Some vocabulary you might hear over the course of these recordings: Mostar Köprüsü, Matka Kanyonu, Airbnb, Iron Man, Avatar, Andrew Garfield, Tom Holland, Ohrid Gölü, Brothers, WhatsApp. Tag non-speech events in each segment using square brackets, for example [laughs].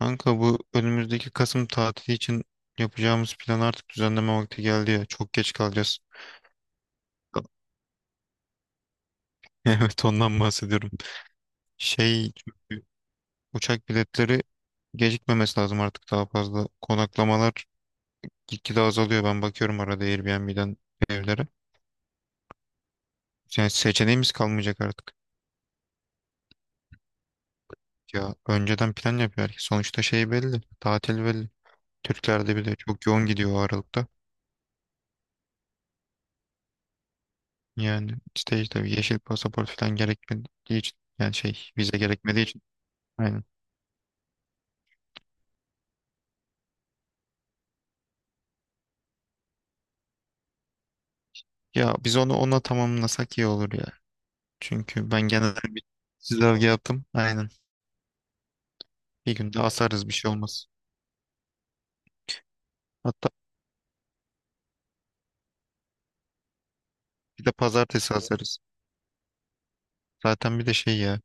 Kanka bu önümüzdeki Kasım tatili için yapacağımız plan artık düzenleme vakti geldi ya. Çok geç kalacağız. [laughs] Evet ondan bahsediyorum. Şey çünkü uçak biletleri gecikmemesi lazım artık daha fazla. Konaklamalar gitgide azalıyor. Ben bakıyorum arada Airbnb'den evlere. Yani seçeneğimiz kalmayacak artık. Ya önceden plan yapıyor herkes. Sonuçta şey belli. Tatil belli. Türklerde bile çok yoğun gidiyor o aralıkta. Yani işte yeşil pasaport falan gerekmediği için yani şey vize gerekmediği için. Aynen. Ya biz onu ona tamamlasak iyi olur ya. Çünkü ben genel bir çizelge yaptım. Aynen. Bir günde asarız bir şey olmaz. Hatta bir de pazartesi asarız. Zaten bir de şey ya.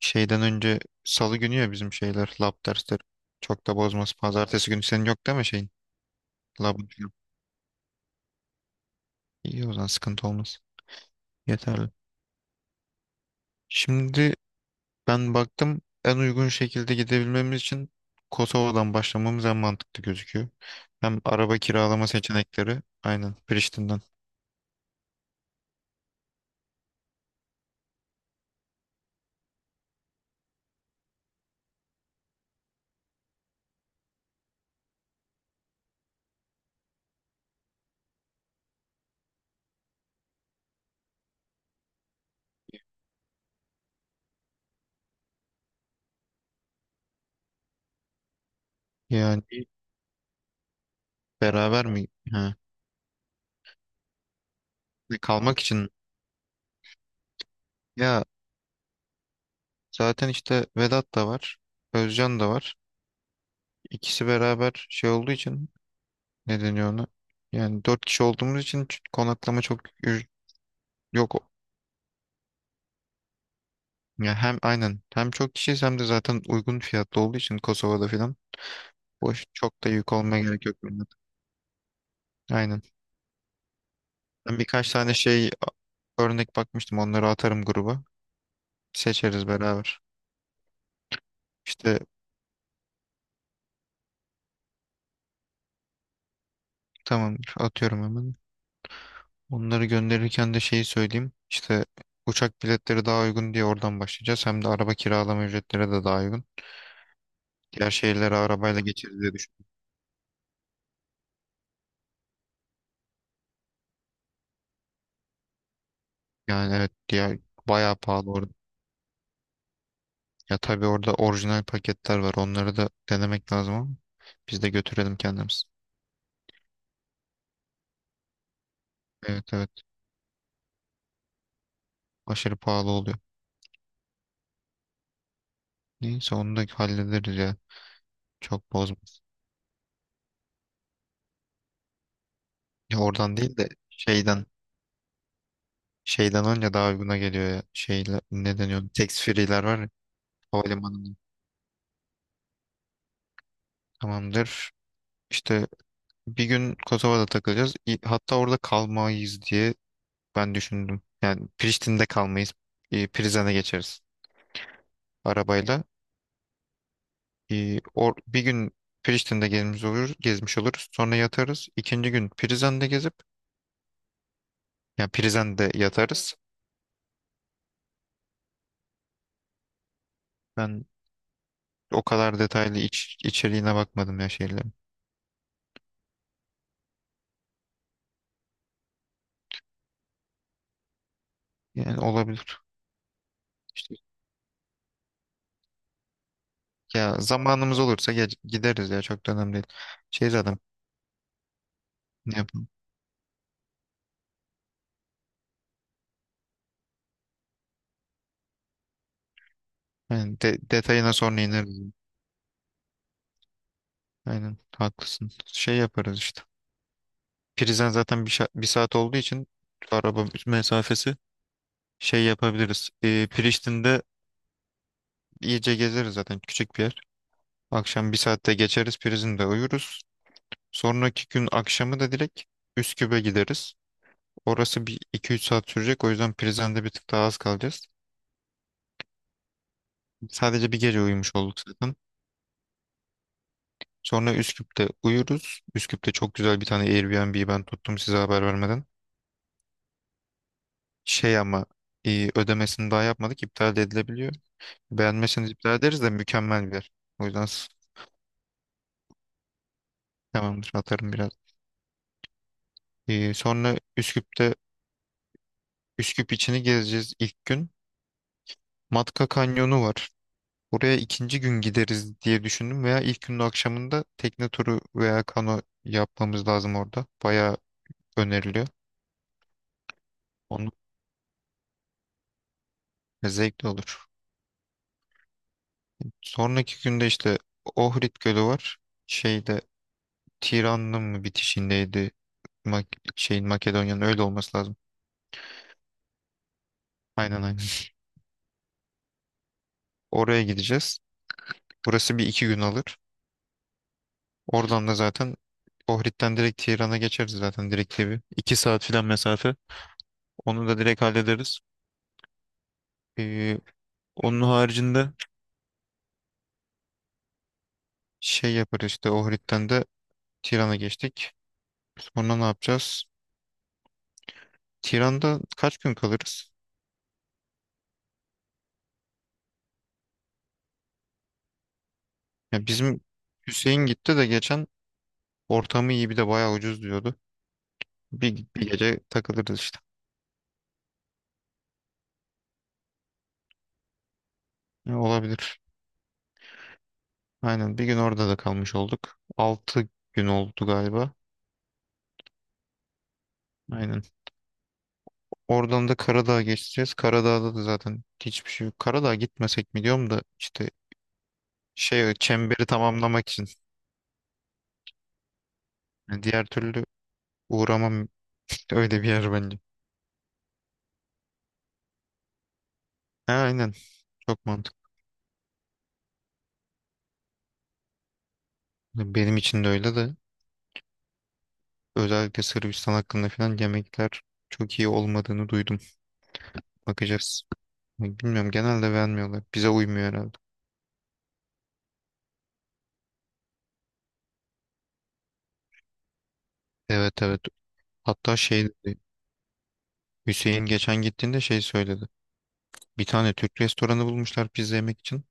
Şeyden önce salı günü ya bizim şeyler lab dersleri. Çok da bozmaz. Pazartesi günü senin yok değil mi şeyin? Labın falan. İyi o zaman sıkıntı olmaz. Yeterli. Şimdi ben baktım en uygun şekilde gidebilmemiz için Kosova'dan başlamamız en mantıklı gözüküyor. Hem araba kiralama seçenekleri aynen Priştine'den. Yani beraber mi? Ha. Ne, kalmak için. Ya zaten işte Vedat da var. Özcan da var. İkisi beraber şey olduğu için ne deniyor ona? Yani dört kişi olduğumuz için konaklama çok ü- yok. Ya hem aynen hem çok kişiyiz hem de zaten uygun fiyatlı olduğu için Kosova'da filan. Boş çok da yük olmaya gerek yok. Bence. Aynen. Ben birkaç tane şey örnek bakmıştım. Onları atarım gruba. Seçeriz beraber. İşte tamamdır. Atıyorum hemen. Onları gönderirken de şeyi söyleyeyim. İşte uçak biletleri daha uygun diye oradan başlayacağız. Hem de araba kiralama ücretleri de daha uygun. Diğer şehirlere arabayla geçeriz diye düşün. Yani evet diğer bayağı pahalı orada. Ya tabii orada orijinal paketler var. Onları da denemek lazım ama biz de götürelim kendimiz. Evet evet aşırı pahalı oluyor. Neyse onu da hallederiz ya. Çok bozmaz. Ya oradan değil de şeyden önce daha uyguna geliyor ya. Şeyle ne deniyor? Tax free'ler var ya havalimanında. Tamamdır. İşte bir gün Kosova'da takılacağız. Hatta orada kalmayız diye ben düşündüm. Yani Priştine'de kalmayız. Prizren'e geçeriz arabayla. Bir gün Priştine'de gezmiş oluruz. Sonra yatarız. İkinci gün Prizren'de gezip, yani Prizren'de yatarız. Ben o kadar detaylı içeriğine bakmadım ya şeylerin. Yani olabilir. İşte ya zamanımız olursa gideriz ya çok da önemli değil. Şey zaten ne yapalım. Yani detayına sonra ineriz. Aynen haklısın. Şey yaparız işte. Prizden zaten bir saat olduğu için araba mesafesi şey yapabiliriz. Priştine'de iyice gezeriz zaten küçük bir yer. Akşam bir saatte geçeriz Prizren'de uyuruz. Sonraki gün akşamı da direkt Üsküp'e gideriz. Orası bir iki üç saat sürecek. O yüzden Prizren'de bir tık daha az kalacağız. Sadece bir gece uyumuş olduk zaten. Sonra Üsküp'te uyuruz. Üsküp'te çok güzel bir tane Airbnb ben tuttum size haber vermeden. Şey ama ödemesini daha yapmadık. İptal de edilebiliyor. Beğenmezseniz iptal ederiz de mükemmel bir yer. O yüzden tamamdır atarım biraz. Sonra Üsküp içini gezeceğiz ilk gün. Matka Kanyonu var. Buraya ikinci gün gideriz diye düşündüm veya ilk günün akşamında tekne turu veya kano yapmamız lazım orada. Bayağı öneriliyor. Onun zevkli olur. Sonraki günde işte Ohrid Gölü var. Şeyde Tiran'ın mı bitişindeydi? Mak Şeyin Makedonya'nın öyle olması lazım. Aynen aynen. Oraya gideceğiz. Burası bir iki gün alır. Oradan da zaten Ohrid'den direkt Tiran'a geçeriz zaten direkt gibi. 2 saat filan mesafe. Onu da direkt hallederiz. Ee, Onun haricinde şey yaparız işte Ohrid'den de Tiran'a geçtik. Sonra ne yapacağız? Tiran'da kaç gün kalırız? Ya bizim Hüseyin gitti de geçen ortamı iyi bir de bayağı ucuz diyordu. Bir gece takılırız işte. Ya, olabilir. Aynen bir gün orada da kalmış olduk. 6 gün oldu galiba. Aynen. Oradan da Karadağ'a geçeceğiz. Karadağ'da da zaten hiçbir şey yok. Karadağ'a gitmesek mi diyorum da işte şey çemberi tamamlamak için. Yani diğer türlü uğramam işte öyle bir yer bence. Ha, aynen çok mantıklı. Benim için de öyle de özellikle Sırbistan hakkında falan yemekler çok iyi olmadığını duydum. Bakacağız. Bilmiyorum genelde beğenmiyorlar. Bize uymuyor herhalde. Evet evet. Hatta şey dedi. Hüseyin geçen gittiğinde şey söyledi. Bir tane Türk restoranı bulmuşlar pizza yemek için.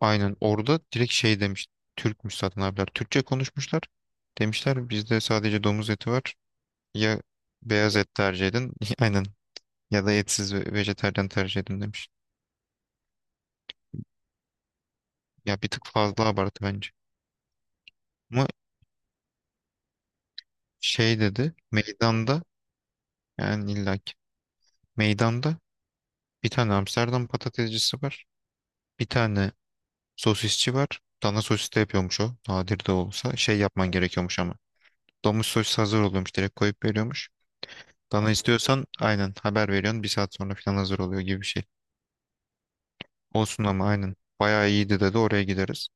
Aynen orada direkt şey demiş. Türkmüş zaten abiler. Türkçe konuşmuşlar. Demişler bizde sadece domuz eti var. Ya beyaz et tercih edin. [laughs] Aynen. Ya da etsiz ve vejetaryen tercih edin demiş. Ya bir tık fazla abartı bence. Ama şey dedi. Meydanda yani illaki. Meydanda bir tane Amsterdam patatescisi var. Bir tane sosisçi var. Dana sosis de yapıyormuş o. Nadir de olsa. Şey yapman gerekiyormuş ama. Domuz sosis hazır oluyormuş. Direkt koyup veriyormuş. Bana istiyorsan aynen haber veriyorsun. Bir saat sonra falan hazır oluyor gibi bir şey. Olsun ama aynen. Bayağı iyiydi dedi oraya gideriz.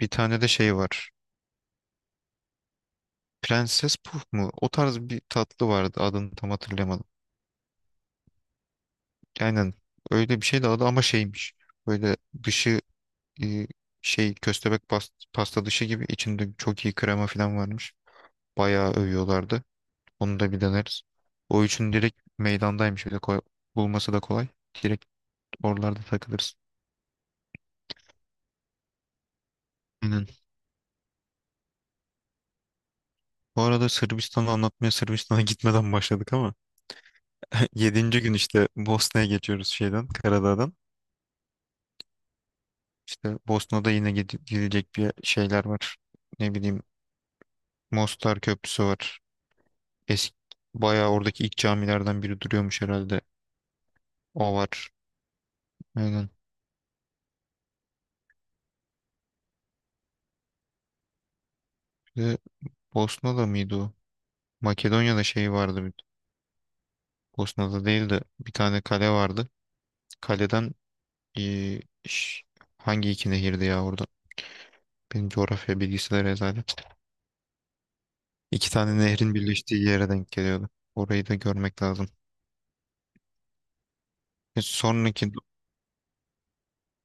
Bir tane de şey var. Prenses Puf mu? O tarz bir tatlı vardı. Adını tam hatırlamadım. Aynen. Öyle bir şeydi adı ama şeymiş. Böyle dışı e, şey köstebek pasta dışı gibi içinde çok iyi krema falan varmış. Bayağı övüyorlardı. Onu da bir deneriz. O üçün direkt meydandaymış. Bir de bulması da kolay. Direkt oralarda takılırız. Bu arada Sırbistan'ı anlatmaya Sırbistan'a [laughs] gitmeden başladık ama [laughs] yedinci gün işte Bosna'ya geçiyoruz şeyden Karadağ'dan. İşte Bosna'da yine gidecek bir şeyler var. Ne bileyim Mostar Köprüsü var. Eski bayağı oradaki ilk camilerden biri duruyormuş herhalde. O var. Aynen. Bir de Bosna'da mıydı o? Makedonya'da şey vardı. Bosna'da değil de bir tane kale vardı. Kaleden eee, ş- hangi iki nehirdi ya orada? Benim coğrafya bilgisi de rezalet. İki tane nehrin birleştiği yere denk geliyordu. Orayı da görmek lazım. Sonraki.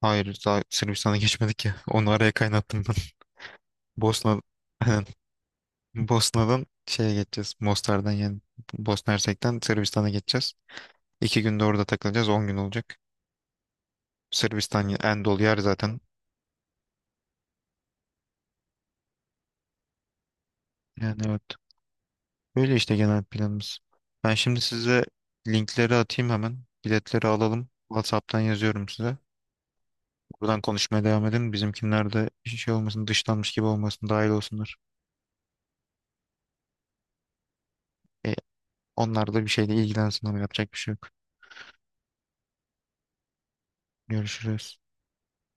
Hayır, daha Sırbistan'a geçmedik ya. [laughs] Onu araya kaynattım ben. [laughs] Bosna. Aynen. Bosna'dan şeye geçeceğiz. Mostar'dan yani Bosna Hersek'ten Sırbistan'a geçeceğiz. 2 günde orada takılacağız. 10 gün olacak. Sırbistan en dolu yer zaten. Yani evet. Böyle işte genel planımız. Ben şimdi size linkleri atayım hemen. Biletleri alalım. WhatsApp'tan yazıyorum size. Buradan konuşmaya devam edelim. Bizimkinler de şey olmasın, dışlanmış gibi olmasın, dahil olsunlar. E, Onlar da bir şeyle ilgilensin ama yapacak bir şey yok. Görüşürüz.